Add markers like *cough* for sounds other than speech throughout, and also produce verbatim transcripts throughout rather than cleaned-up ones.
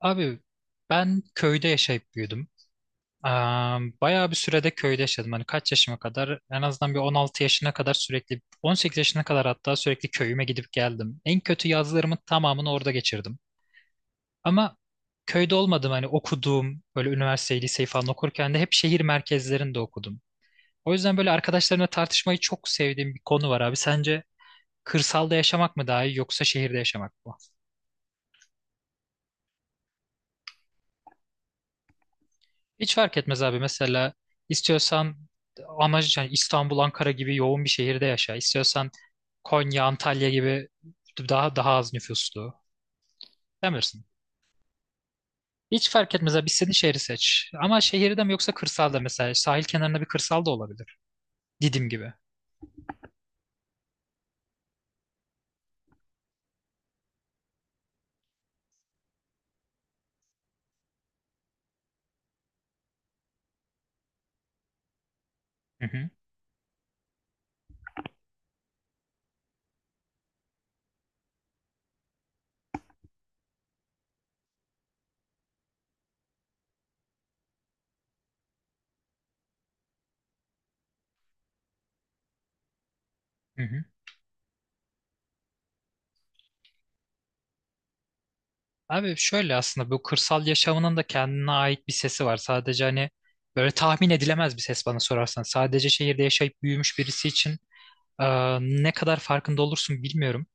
Abi ben köyde yaşayıp büyüdüm. Aa, Bayağı bir sürede köyde yaşadım. Hani kaç yaşıma kadar en azından bir on altı yaşına kadar sürekli on sekiz yaşına kadar hatta sürekli köyüme gidip geldim. En kötü yazlarımın tamamını orada geçirdim. Ama köyde olmadım hani okuduğum böyle üniversiteyi liseyi falan okurken de hep şehir merkezlerinde okudum. O yüzden böyle arkadaşlarımla tartışmayı çok sevdiğim bir konu var abi. Sence kırsalda yaşamak mı daha iyi yoksa şehirde yaşamak mı? Hiç fark etmez abi. Mesela istiyorsan amacı yani İstanbul, Ankara gibi yoğun bir şehirde yaşa. İstiyorsan Konya, Antalya gibi daha daha az nüfuslu. Demirsin. Hiç fark etmez abi. İstediğin şehri seç. Ama şehirde mi yoksa kırsalda mesela sahil kenarında bir kırsal da olabilir. Didim gibi. Hı hı. Hı hı. Abi şöyle aslında bu kırsal yaşamının da kendine ait bir sesi var. Sadece hani böyle tahmin edilemez bir ses bana sorarsan. Sadece şehirde yaşayıp büyümüş birisi için e, ne kadar farkında olursun bilmiyorum.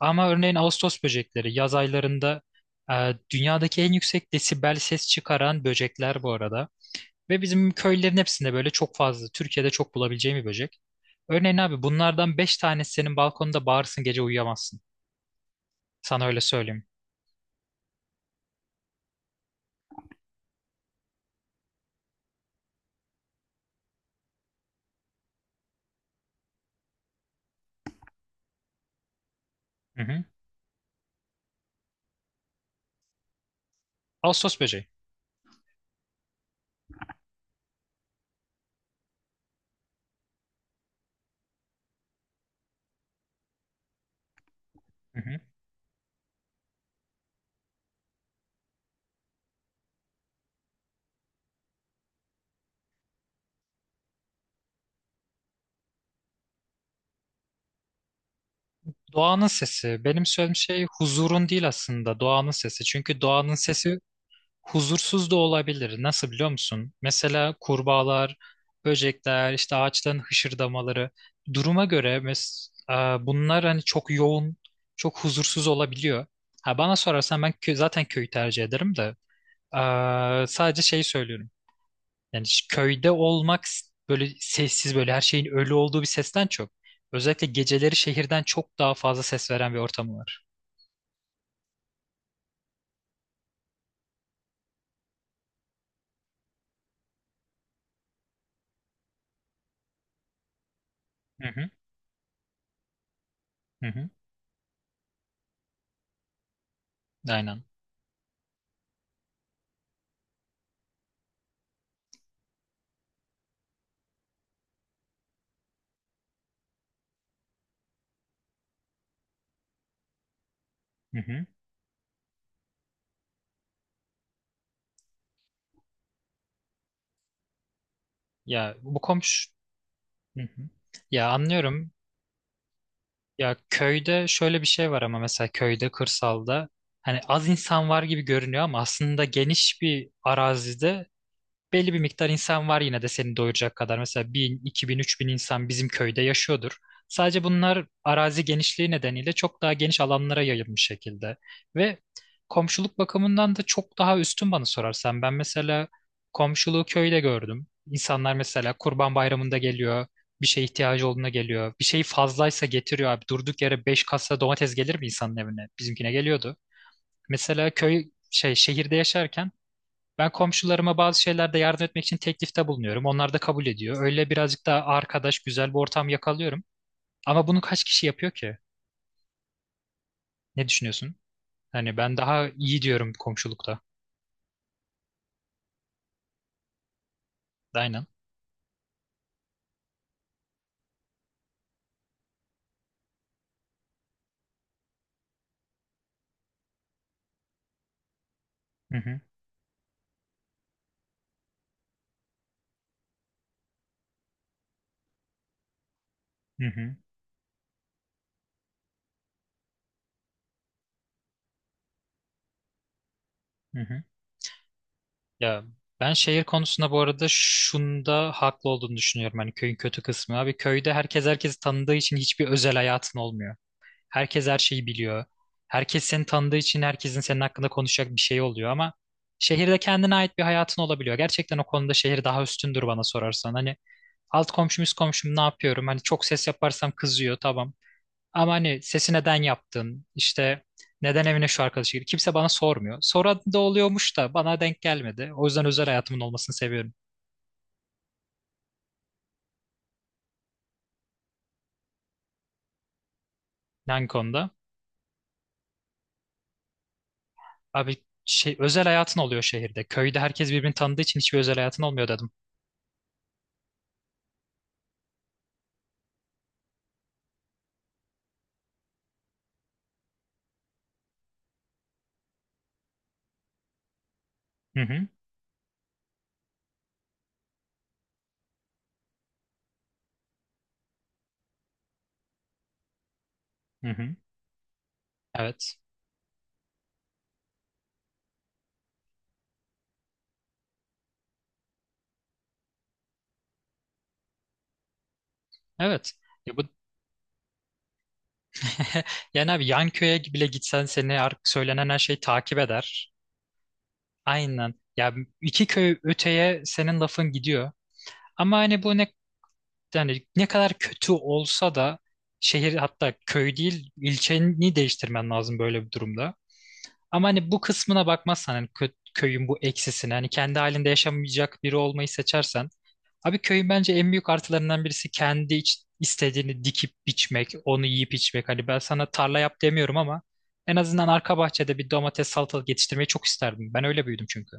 Ama örneğin Ağustos böcekleri yaz aylarında e, dünyadaki en yüksek desibel ses çıkaran böcekler bu arada. Ve bizim köylerin hepsinde böyle çok fazla, Türkiye'de çok bulabileceğim bir böcek. Örneğin abi bunlardan beş tanesi senin balkonda bağırsın gece uyuyamazsın. Sana öyle söyleyeyim. Hı hı. Ağustos böceği. Hı hı. Doğanın sesi. Benim söylediğim şey huzurun değil aslında doğanın sesi. Çünkü doğanın sesi huzursuz da olabilir. Nasıl biliyor musun? Mesela kurbağalar, böcekler, işte ağaçların hışırdamaları. Duruma göre mes e, bunlar hani çok yoğun, çok huzursuz olabiliyor. Ha, bana sorarsan ben kö zaten köyü tercih ederim de. e, sadece şeyi söylüyorum. Yani ş- köyde olmak s- böyle sessiz böyle her şeyin ölü olduğu bir sesten çok. Özellikle geceleri şehirden çok daha fazla ses veren bir ortamı var. Hı hı, hı hı. Aynen. Hı hı. Ya bu komşu. Hı hı. Ya anlıyorum. Ya köyde şöyle bir şey var ama mesela köyde, kırsalda hani az insan var gibi görünüyor ama aslında geniş bir arazide belli bir miktar insan var yine de seni doyuracak kadar. Mesela bin, iki bin, üç bin insan bizim köyde yaşıyordur. Sadece bunlar arazi genişliği nedeniyle çok daha geniş alanlara yayılmış şekilde. Ve komşuluk bakımından da çok daha üstün bana sorarsan. Ben mesela komşuluğu köyde gördüm. İnsanlar mesela Kurban Bayramı'nda geliyor. Bir şeye ihtiyacı olduğunda geliyor. Bir şey fazlaysa getiriyor abi. Durduk yere beş kasa domates gelir mi insanın evine? Bizimkine geliyordu. Mesela köy şey şehirde yaşarken ben komşularıma bazı şeylerde yardım etmek için teklifte bulunuyorum. Onlar da kabul ediyor. Öyle birazcık daha arkadaş, güzel bir ortam yakalıyorum. Ama bunu kaç kişi yapıyor ki? Ne düşünüyorsun? Hani ben daha iyi diyorum komşulukta. Aynen. Hı hı, hı hı, hı hı. Ya ben şehir konusunda bu arada şunda haklı olduğunu düşünüyorum. Hani köyün kötü kısmı. Abi köyde herkes herkesi tanıdığı için hiçbir özel hayatın olmuyor. Herkes her şeyi biliyor. Herkes seni tanıdığı için herkesin senin hakkında konuşacak bir şey oluyor ama şehirde kendine ait bir hayatın olabiliyor. Gerçekten o konuda şehir daha üstündür bana sorarsan. Hani alt komşum üst komşum ne yapıyorum? Hani çok ses yaparsam kızıyor tamam. Ama hani sesi neden yaptın? İşte neden evine şu arkadaşı girdi? Kimse bana sormuyor. Soran da oluyormuş da bana denk gelmedi. O yüzden özel hayatımın olmasını seviyorum. Hangi konuda? Abi şey, özel hayatın oluyor şehirde. Köyde herkes birbirini tanıdığı için hiçbir özel hayatın olmuyor dedim. Hı hı, hı hı. Evet. Evet. Ya bu *laughs* yani abi yan köye bile gitsen seni artık söylenen her şeyi takip eder. Aynen. Ya iki köy öteye senin lafın gidiyor. Ama hani bu ne yani ne kadar kötü olsa da şehir hatta köy değil ilçeni değiştirmen lazım böyle bir durumda. Ama hani bu kısmına bakmazsan hani kö- köyün bu eksisine hani kendi halinde yaşamayacak biri olmayı seçersen abi köyün bence en büyük artılarından birisi kendi iç- istediğini dikip biçmek, onu yiyip içmek. Hani ben sana tarla yap demiyorum ama en azından arka bahçede bir domates salatalık yetiştirmeyi çok isterdim. Ben öyle büyüdüm çünkü.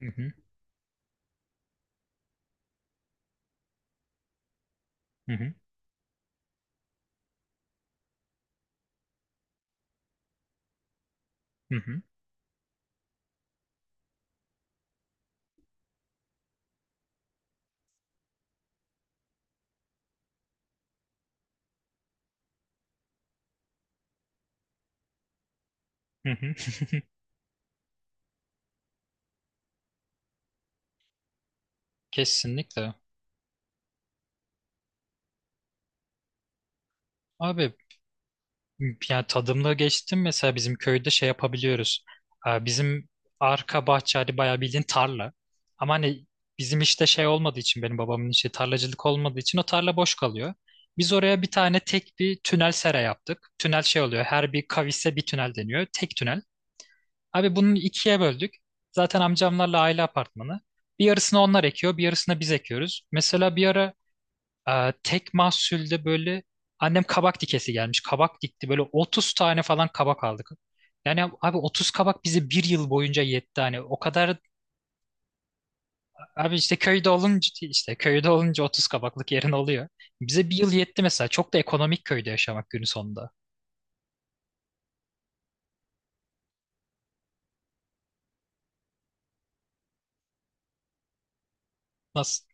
Hı hı, hı hı, hı hı, hı hı. *laughs* Kesinlikle. Abi yani tadımla geçtim mesela bizim köyde şey yapabiliyoruz. Ee, Bizim arka bahçe hani bayağı bildiğin tarla. Ama hani bizim işte şey olmadığı için benim babamın işi tarlacılık olmadığı için o tarla boş kalıyor. Biz oraya bir tane tek bir tünel sera yaptık. Tünel şey oluyor her bir kavise bir tünel deniyor. Tek tünel. Abi bunu ikiye böldük. Zaten amcamlarla aile apartmanı. Bir yarısını onlar ekiyor bir yarısını biz ekiyoruz. Mesela bir ara ee, tek mahsulde böyle annem kabak dikesi gelmiş. Kabak dikti. Böyle otuz tane falan kabak aldık. Yani abi otuz kabak bize bir yıl boyunca yetti. Hani o kadar abi işte köyde olunca işte köyde olunca otuz kabaklık yerin oluyor. Bize bir yıl yetti mesela. Çok da ekonomik köyde yaşamak günün sonunda. Nasıl?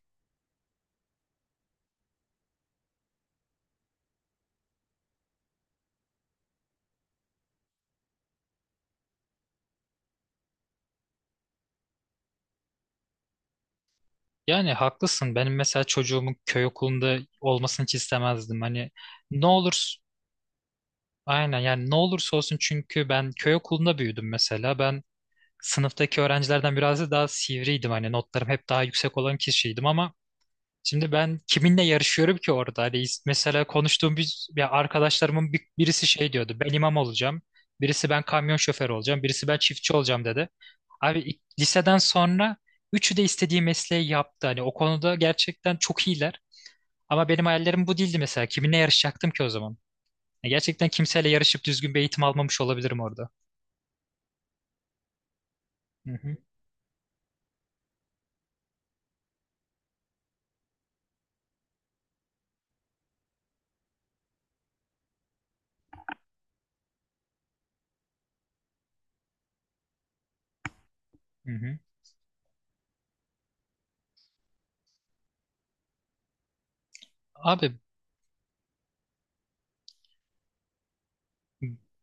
Yani haklısın. Benim mesela çocuğumun köy okulunda olmasını hiç istemezdim. Hani ne olur Aynen yani ne olursa olsun çünkü ben köy okulunda büyüdüm mesela. Ben sınıftaki öğrencilerden biraz daha sivriydim. Hani notlarım hep daha yüksek olan kişiydim ama şimdi ben kiminle yarışıyorum ki orada? Hani mesela konuştuğum bir, bir arkadaşlarımın bir- birisi şey diyordu. Ben imam olacağım. Birisi ben kamyon şoförü olacağım. Birisi ben çiftçi olacağım dedi. Abi ilk- liseden sonra üçü de istediği mesleği yaptı. Hani o konuda gerçekten çok iyiler. Ama benim hayallerim bu değildi mesela. Kiminle yarışacaktım ki o zaman? Ya Gerçekten kimseyle yarışıp düzgün bir eğitim almamış olabilirim orada. Hı hı, hı hı. Abi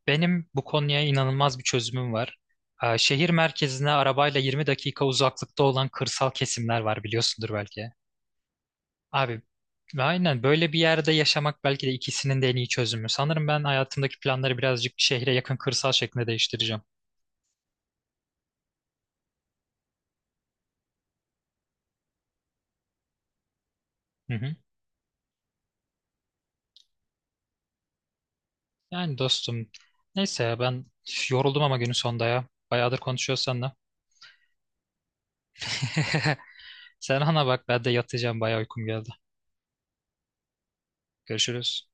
Benim bu konuya inanılmaz bir çözümüm var. Ee, Şehir merkezine arabayla yirmi dakika uzaklıkta olan kırsal kesimler var biliyorsundur belki. Abi aynen böyle bir yerde yaşamak belki de ikisinin de en iyi çözümü. Sanırım ben hayatımdaki planları birazcık şehre yakın kırsal şeklinde değiştireceğim. Hı hı. Yani dostum neyse ya ben üf, yoruldum ama günün sonunda ya. Bayağıdır konuşuyoruz seninle. *laughs* Sen ana bak ben de yatacağım bayağı uykum geldi. Görüşürüz.